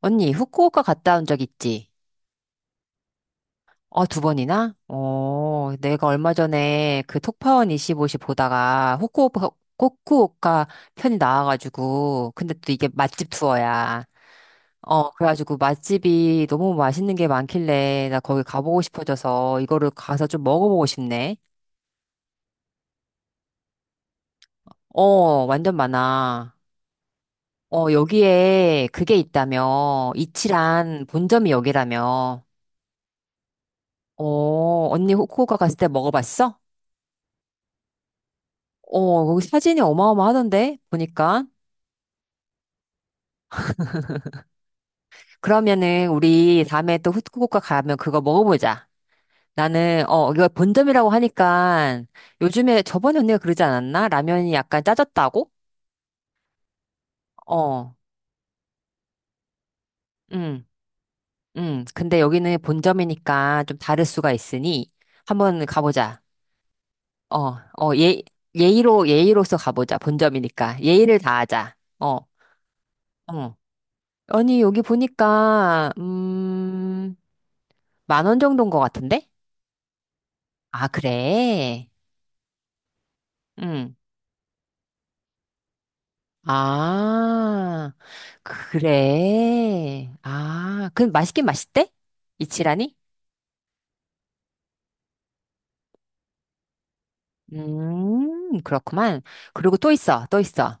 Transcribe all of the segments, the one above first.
언니, 후쿠오카 갔다 온 적 있지? 어, 두 번이나? 어, 내가 얼마 전에 그 톡파원 25시 보다가 후쿠오카 편이 나와가지고, 근데 또 이게 맛집 투어야. 어, 그래가지고 맛집이 너무 맛있는 게 많길래 나 거기 가보고 싶어져서 이거를 가서 좀 먹어보고 싶네. 어, 완전 많아. 어, 여기에 그게 있다며. 이치란 본점이 여기라며. 어, 언니 후쿠오카 갔을 때 먹어봤어? 어, 거기 사진이 어마어마하던데? 보니까. 그러면은 우리 다음에 또 후쿠오카 가면 그거 먹어보자. 나는, 어, 이거 본점이라고 하니까 요즘에 저번에 언니가 그러지 않았나? 라면이 약간 짜졌다고? 어, 응, 응. 근데 여기는 본점이니까 좀 다를 수가 있으니 한번 가보자. 어, 어, 예, 예의로서 가보자. 본점이니까. 예의를 다하자. 어, 어. 아니, 여기 보니까, 만원 정도인 것 같은데? 아, 그래? 응. 아, 그래. 아, 그럼 맛있긴 맛있대? 이치라니? 그렇구만. 그리고 또 있어, 또 있어.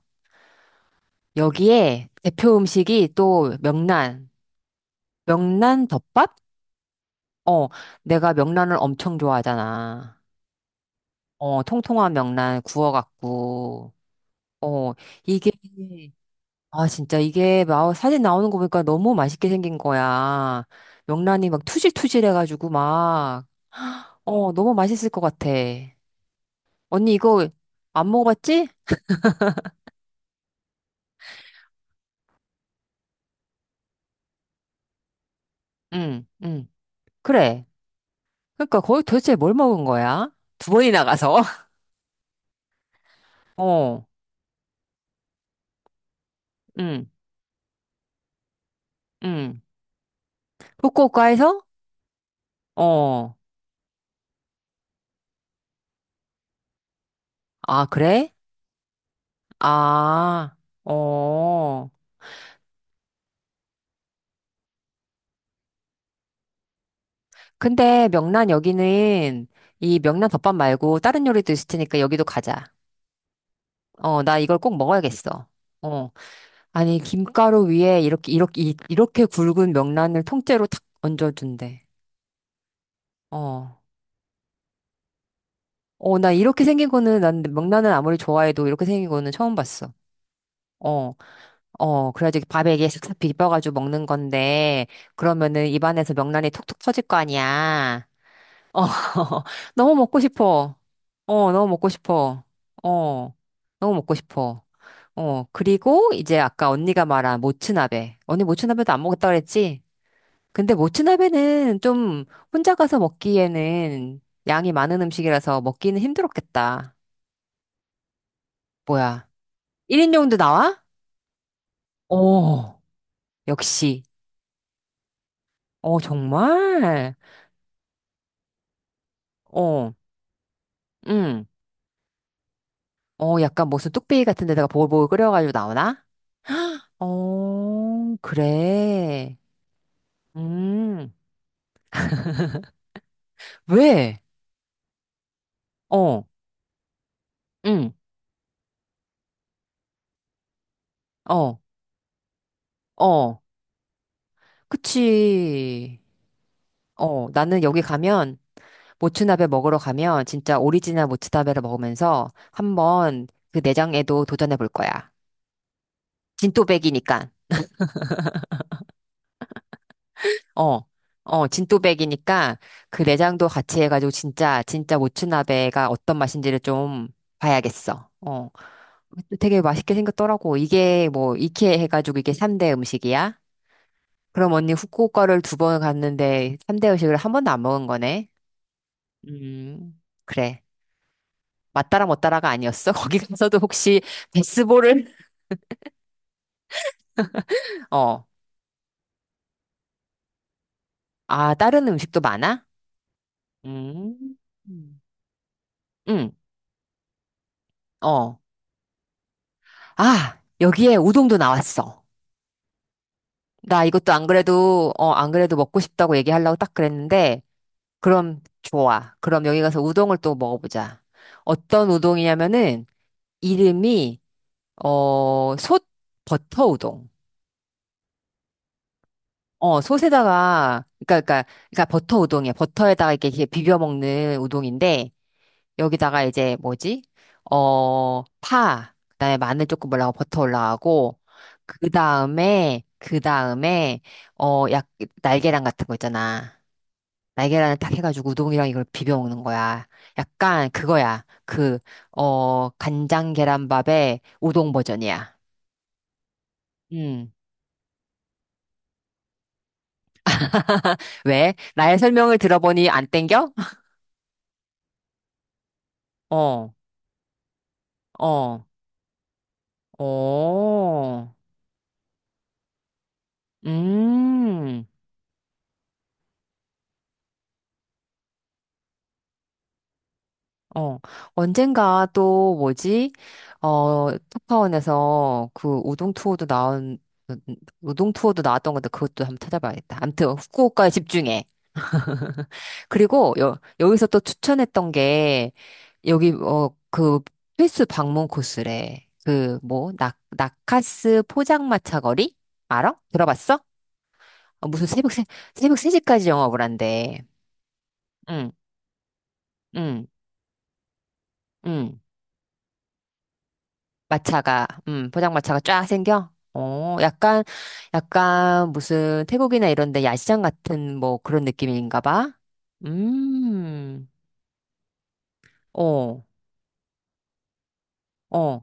여기에 대표 음식이 또 명란. 명란 덮밥? 어, 내가 명란을 엄청 좋아하잖아. 어, 통통한 명란 구워갖고. 어, 이게, 아, 진짜 이게 막 사진 나오는 거 보니까 너무 맛있게 생긴 거야. 명란이 막 투질투질 해가지고 막, 어, 너무 맛있을 것 같아. 언니 이거 안 먹어봤지? 응, 응. 그래. 그러니까 거기 도대체 뭘 먹은 거야? 두 번이나 가서? 어, 응, 응. 후쿠오카에서? 어. 아, 그래? 아, 어. 근데 명란 여기는 이 명란 덮밥 말고 다른 요리도 있을 테니까 여기도 가자. 어, 나 이걸 꼭 먹어야겠어. 어, 아니, 김가루 위에 이렇게, 이렇게, 이렇게 굵은 명란을 통째로 탁 얹어준대. 어, 어, 나 이렇게 생긴 거는, 난 명란은 아무리 좋아해도 이렇게 생긴 거는 처음 봤어. 어, 어, 그래가지고 밥에 이게 싹싹 비벼가지고 먹는 건데, 그러면은 입안에서 명란이 톡톡 터질 거 아니야. 어, 너무 먹고 싶어. 어, 너무 먹고 싶어. 어, 너무 먹고 싶어. 어, 그리고 이제 아까 언니가 말한 모츠나베. 언니 모츠나베도 안 먹었다 그랬지? 근데 모츠나베는 좀 혼자 가서 먹기에는 양이 많은 음식이라서 먹기는 힘들었겠다. 뭐야. 1인용도 나와? 어, 역시. 어, 정말? 어, 응. 어, 약간 무슨 뚝배기 같은 데다가 보글보글 끓여가지고 나오나? 어, 그래. 음, 왜? 어, 응, 어, 어. 그치. 어, 모츠나베 먹으러 가면, 진짜 오리지널 모츠나베를 먹으면서 한번 그 내장에도 도전해 볼 거야. 진또백이니까. 어, 어, 진또백이니까 그 내장도 같이 해가지고 진짜, 진짜 모츠나베가 어떤 맛인지를 좀 봐야겠어. 어. 되게 맛있게 생겼더라고. 이게 뭐, 이케 해가지고 이게 3대 음식이야? 그럼 언니 후쿠오카를 두 번 갔는데 3대 음식을 한 번도 안 먹은 거네? 음, 그래. 맞따라 못따라가 아니었어? 거기 가서도 혹시 베스볼을, 어, 아, 다른 음식도 많아? 음, 음, 응, 어. 아, 여기에 우동도 나왔어. 나 이것도 안 그래도, 어, 안 그래도 먹고 싶다고 얘기하려고 딱 그랬는데, 그럼 좋아. 그럼 여기 가서 우동을 또 먹어보자. 어떤 우동이냐면은, 이름이, 어, 솥 버터 우동. 어, 솥에다가, 그니까 버터 우동이야. 버터에다가 이렇게 이렇게 비벼 먹는 우동인데, 여기다가 이제 뭐지? 어, 파. 그다음에 마늘 조금 올라가고 버터 올라가고, 그 다음에, 어, 날계란 같은 거 있잖아. 날계란을 딱 해가지고 우동이랑 이걸 비벼 먹는 거야. 약간 그거야. 그, 어, 간장 계란밥의 우동 버전이야. 음. 왜? 나의 설명을 들어보니 안 땡겨? 어, 어, 어, 음, 어. 언젠가 또 뭐지? 어, 특파원에서 그 우동 투어도 나왔던 건데 그것도 한번 찾아봐야겠다. 암튼 후쿠오카에 집중해. 그리고 여기서 또 추천했던 게 여기 어 그 필수 방문 코스래. 그 뭐 낙 나카스 포장마차 거리 알아? 들어봤어? 어, 무슨 새벽 3시까지 영업을 한대. 응, 응, 응. 마차가 포장마차가 쫙 생겨. 어, 약간 무슨 태국이나 이런 데 야시장 같은 뭐 그런 느낌인가 봐. 음. 어. 어.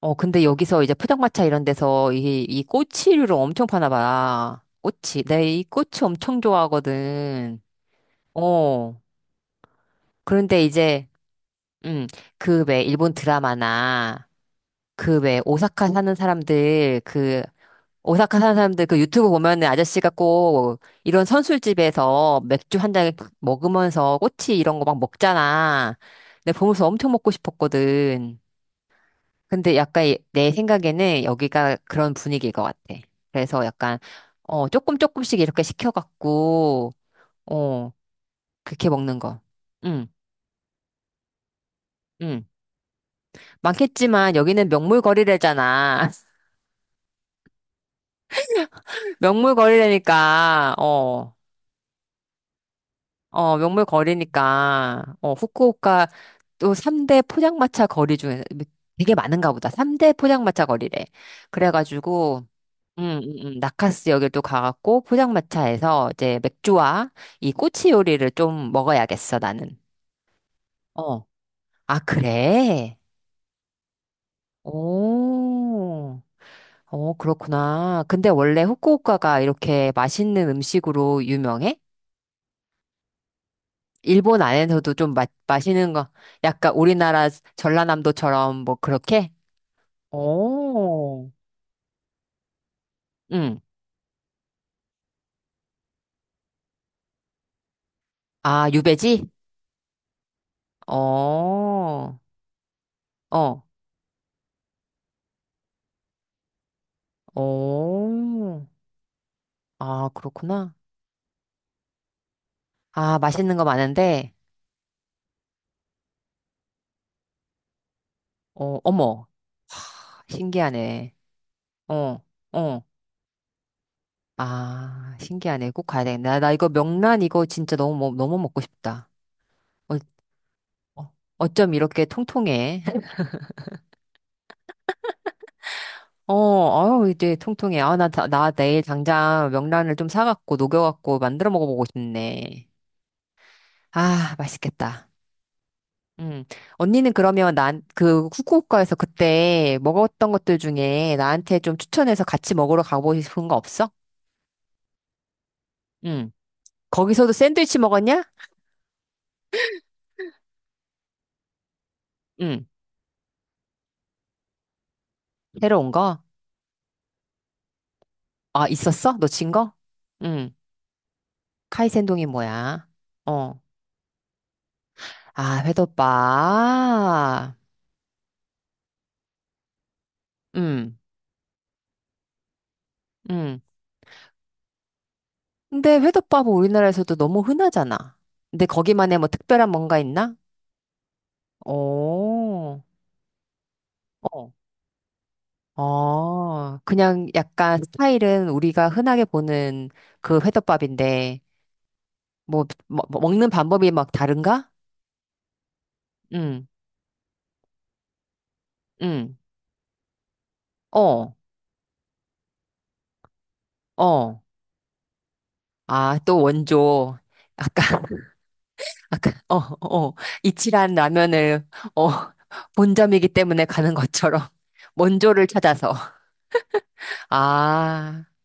어, 근데 여기서 이제 포장마차 이런 데서 이 꼬치류를 엄청 파나 봐. 꼬치. 내 이 꼬치 엄청 좋아하거든. 어. 그런데 이제, 음, 그 왜 일본 드라마나 그 왜 오사카 사는 사람들 그 유튜브 보면은 아저씨가 꼭 이런 선술집에서 맥주 한 잔 먹으면서 꼬치 이런 거 막 먹잖아. 근데 보면서 엄청 먹고 싶었거든. 근데 약간 내 생각에는 여기가 그런 분위기인 것 같아. 그래서 약간, 어, 조금씩 이렇게 시켜갖고, 어, 그렇게 먹는 거. 응, 응. 많겠지만 여기는 명물거리래잖아. 명물거리라니까, 어, 어, 명물거리니까, 어, 후쿠오카 또 3대 포장마차 거리 중에 되게 많은가 보다. 3대 포장마차 거리래. 그래가지고, 나카스 여길 도 가갖고 포장마차에서 이제 맥주와 이 꼬치 요리를 좀 먹어야겠어, 나는. 어. 아, 그래? 오. 어, 그렇구나. 근데 원래 후쿠오카가 이렇게 맛있는 음식으로 유명해? 일본 안에서도 좀 맛있는 거, 약간 우리나라 전라남도처럼 뭐 그렇게? 오. 응. 아, 유배지? 어. 어. 오. 아, 그렇구나. 아, 맛있는 거 많은데, 어, 어머, 신기하네. 어, 어, 아, 신기하네. 꼭 가야 되겠네. 나 이거 명란 이거 진짜 너무, 너무 먹고 싶다. 어, 어, 어쩜 이렇게 통통해. 어, 아유, 이제 통통해. 아, 나 내일 당장 명란을 좀 사갖고, 녹여갖고, 만들어 먹어보고 싶네. 아, 맛있겠다. 음. 언니는 그러면 후쿠오카에서 그때 먹었던 것들 중에 나한테 좀 추천해서 같이 먹으러 가보고 싶은 거 없어? 음. 거기서도 샌드위치 먹었냐? 응, 새로 온 거? 아, 있었어? 놓친 거? 응. 카이센동이 뭐야? 어. 아, 회덮밥. 응, 응. 근데 회덮밥은 우리나라에서도 너무 흔하잖아. 근데 거기만의 뭐 특별한 뭔가 있나? 오. 어. 어. 그냥 약간 스타일은 우리가 흔하게 보는 그 회덮밥인데, 뭐 먹는 방법이 막 다른가? 응, 응. 어. 어. 아, 또 원조. 아까, 아까, 어, 어, 이치란 라면을, 어, 본점이기 때문에 가는 것처럼 원조를 찾아서. 아.